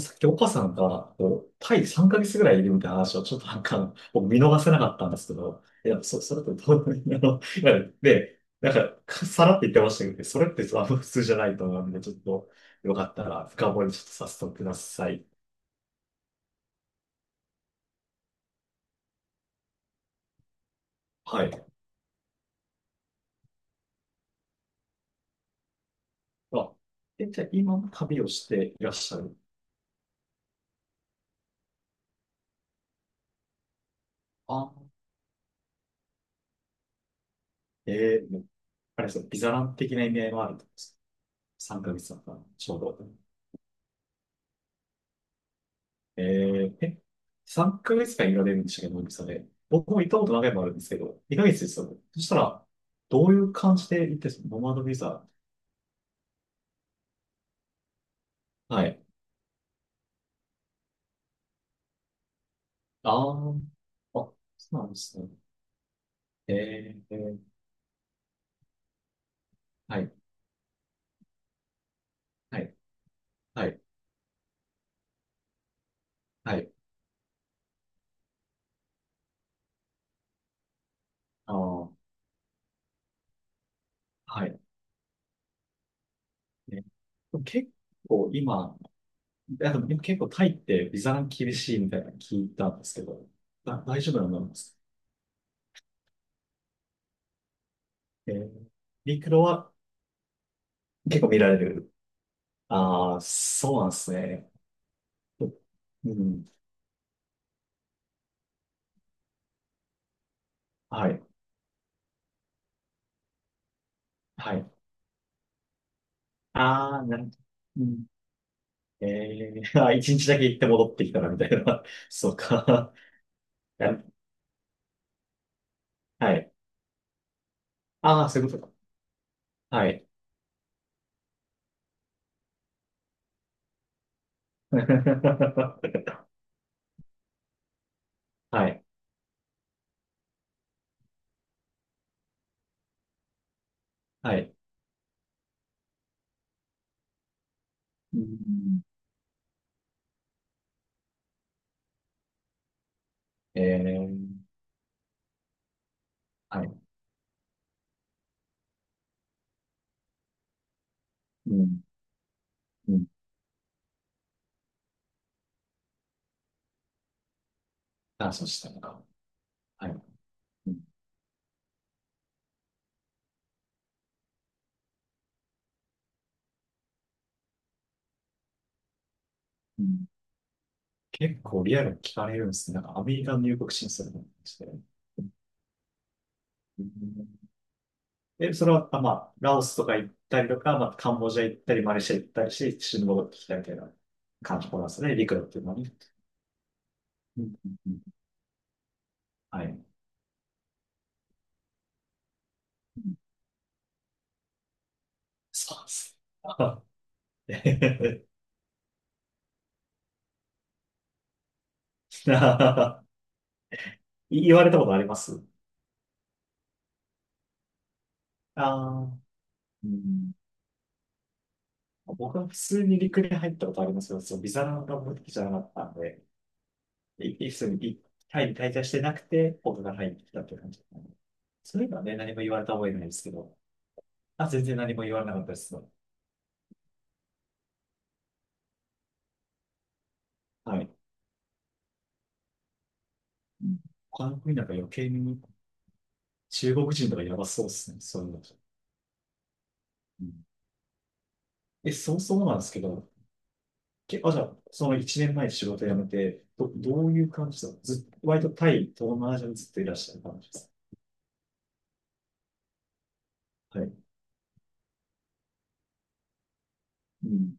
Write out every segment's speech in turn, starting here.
さっき岡さんが、こう、タイ3ヶ月ぐらいいるみたいな話をちょっと僕見逃せなかったんですけど、それってどう、かさらって言ってましたけど、それって普通じゃないと思うんで、ちょっと、よかったら深掘りちょっとさせてください。はい。あ、え、じゃあ今も旅をしていらっしゃる。あ、えー、もうあれですよ、ビザラン的な意味合いもあるんです。3ヶ月だったら、ちょうど。えー、え、3ヶ月間いられるんでしたっけど、脳みそで。僕も行ったこと何回もあるんですけど、2ヶ月ですよねそしたら、どういう感じで行ってノマドビザ。はい。あー、あ、そうなんですね。えー、えーはい、はい、はい、はい、あー、はい。ね、でも結構今、あでも結構タイってビザが厳しいみたいなの聞いたんですけど、大丈夫なのなんですかえー、ミクロは結構見られる。ああ、そうなんですね。うん。はい。はい。ああ、なるほどうん。ええー、あ、一日だけ行って戻ってきたらみたいな。そうか。やはい。ああ、そういうことか。はい。はい。はい。うん。ええはい。うん。うん。あ、そうしたのか。はい。うん。うん結構リアルに聞かれるんですね。なんかアメリカの入国審査とかして。うんで、それは、まあ、ラオスとか行ったりとか、まあ、カンボジア行ったり、マレーシア行ったりして、一緒に戻ってきたみたいな感じなんですね、陸路っていうのはね。うんうんうんはい。そうです。あえへへへ言われたことありますああー、うん、僕は普通に陸に入ったことありますよ。そのビザが目的じゃなかったんで、普通にタイに滞在してなくて、僕が入ってきたっていう感じ。そういうのはね、何も言われた覚えないですけど、あ、全然何も言われなかったです。はい。他の国なんか余計に中国人とかやばそうですね。そういうの。うんえ、そもそもなんですけど、あ、じゃあ、その1年前に仕事辞めて、どういう感じだったのずっと、割とタイ、東南アジアにずっといらっしゃる感じですか。はい。うん。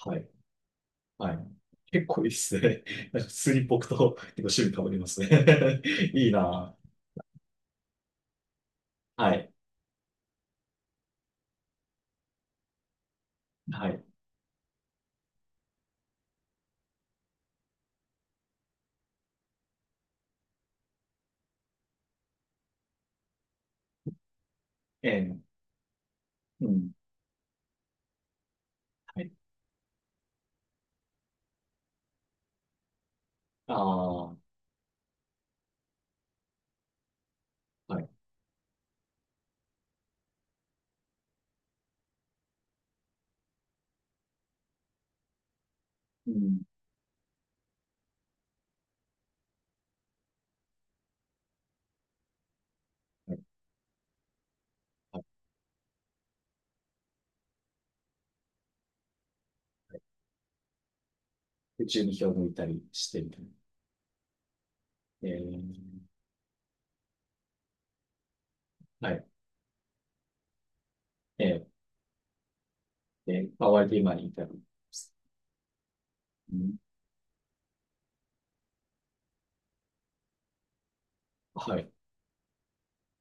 はい。はい。結構いいっすね。なんか普通に僕と結構趣味変わりますね。いいなぁ。はい。はい。ええうん。はい。ああ、はい。うん。はい。はい。で中に票を抜いたりしてみたいな。ええはい。ええで、ハワイで今にいたります。うんはい。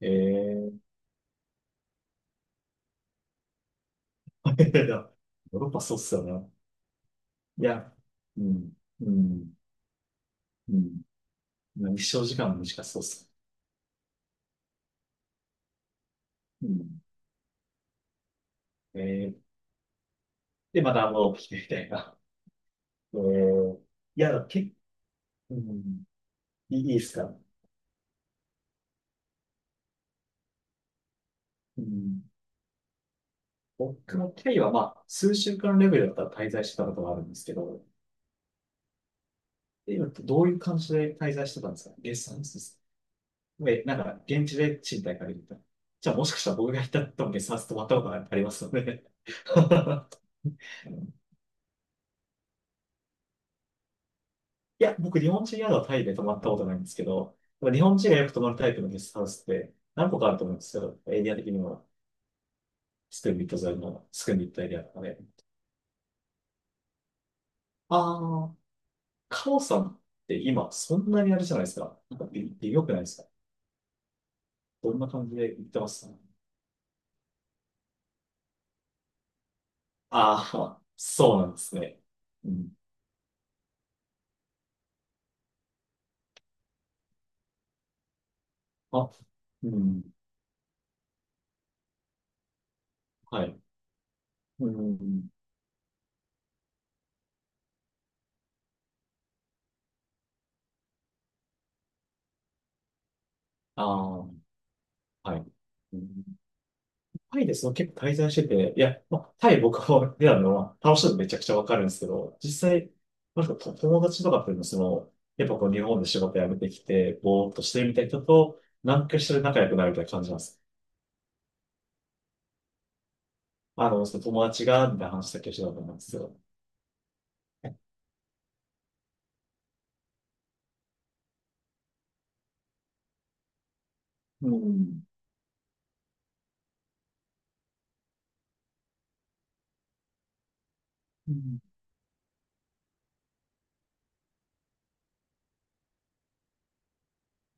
えー、いやヨーロッパそうっすよね。いや、うん、うん、うん。まあ日照時間も短そうっす。うん。えー、で、また戻ってきてみたいな。えー、いや、結構、うんいいいいっすか。うん、僕の経緯は、まあ、数週間レベルだったら滞在してたことがあるんですけど、え今どういう感じで滞在してたんですか月んですで、なんか、現地で賃貸借りるみたいな。じゃあ、もしかしたら僕が行った時にさっと泊まったことがありますので。いや、僕、日本人宿はタイで泊まったことないんですけど、日本人がよく泊まるタイプのゲストハウスって何個かあると思うんですけど、エリア的にも、スクンビット沿いのスクンビットエリアとかで。ああ、カオさんって今、そんなにあれじゃないですか。なんか微妙くないですか。どんな感じで行ってますああー、そうなんですね。うん。あ、うん。はい。うん。ああ、はい。うんタイでその結構滞在してて、いや、まあ、タイ僕は出たのは楽しいのめちゃくちゃわかるんですけど、実際、なんかと友達とかっていうのはその、やっぱこう日本で仕事辞めてきて、ぼーっとしてるみたいな人と、何かしら仲良くなるみたいな感じなんです。あの、その友達が、みたいな話だけしてたと思うんですよ。うん。うん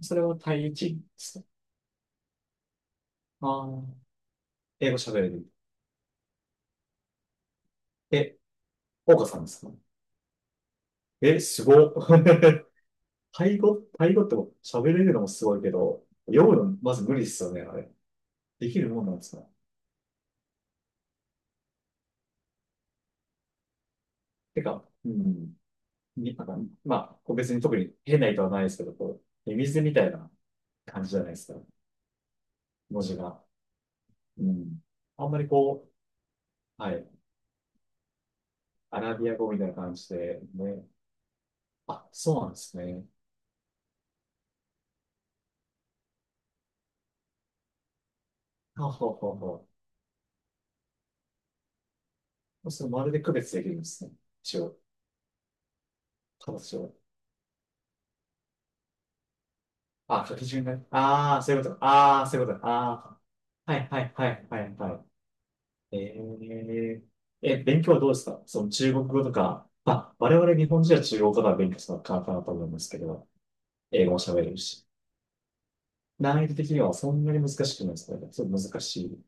それはタイ人ですかああー、英語喋れる。え、岡さんですかえ、すごっ。タイ語って喋れるのもすごいけど、読むのまず無理ですよね、あれ。できるもんなんですかてか、うん。になんかまあ、別に特に変な意図はないですけど、こう、ミミズみたいな感じじゃないですか、文字が。うん。あんまりこう、はい、アラビア語みたいな感じで、ね。あ、そうなんですね。はははは。それまるで区別できるんですね。一応、形を。あ、書き順がね。ああ、そういうこと。ああ、そういうこと。ああ。はいはいはいはいはい。えー、え、勉強はどうですかその中国語とか、まあ、我々日本人は中国語とか勉強するのは簡単だと思いますけど、英語も喋れるし、難易度的にはそんなに難しくないですかね。ちょっと難しい。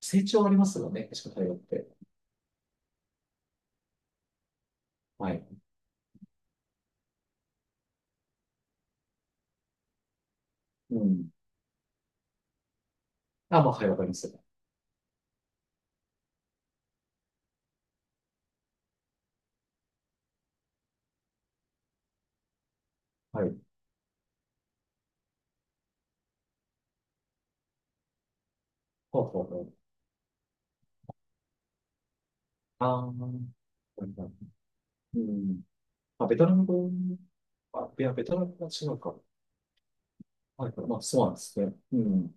成長ありますよね、確か対応って。はい。うん。あ、まあ、はい、わかります。はい。ほうほうほう。あー、うん。まあ、ベトナム語、あ、いや、ベトナム語は違うか。はい、まあ、そうなんですね。うん。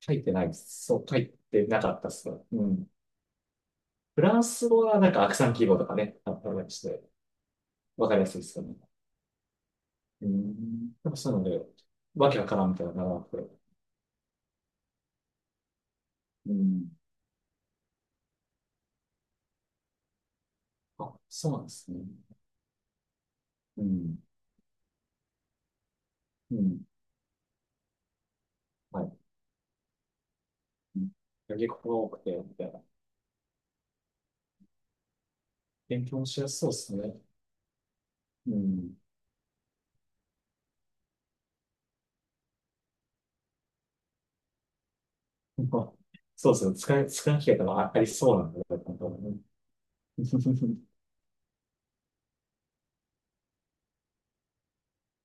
書いてないです。そう、書いてなかったっすね。うん。フランス語はなんかアクサン記号とかね、あったりして、わかりやすいですよね。うん。でもそういうので、わけわからんみたいなのがなくて。うん。あ、そうなんですね。うん。うん。はい。うん結構多くて、みたいな。勉強もしやすそうですね。うん。まあそうですね。使い機会とかありそうなんで、本当にね。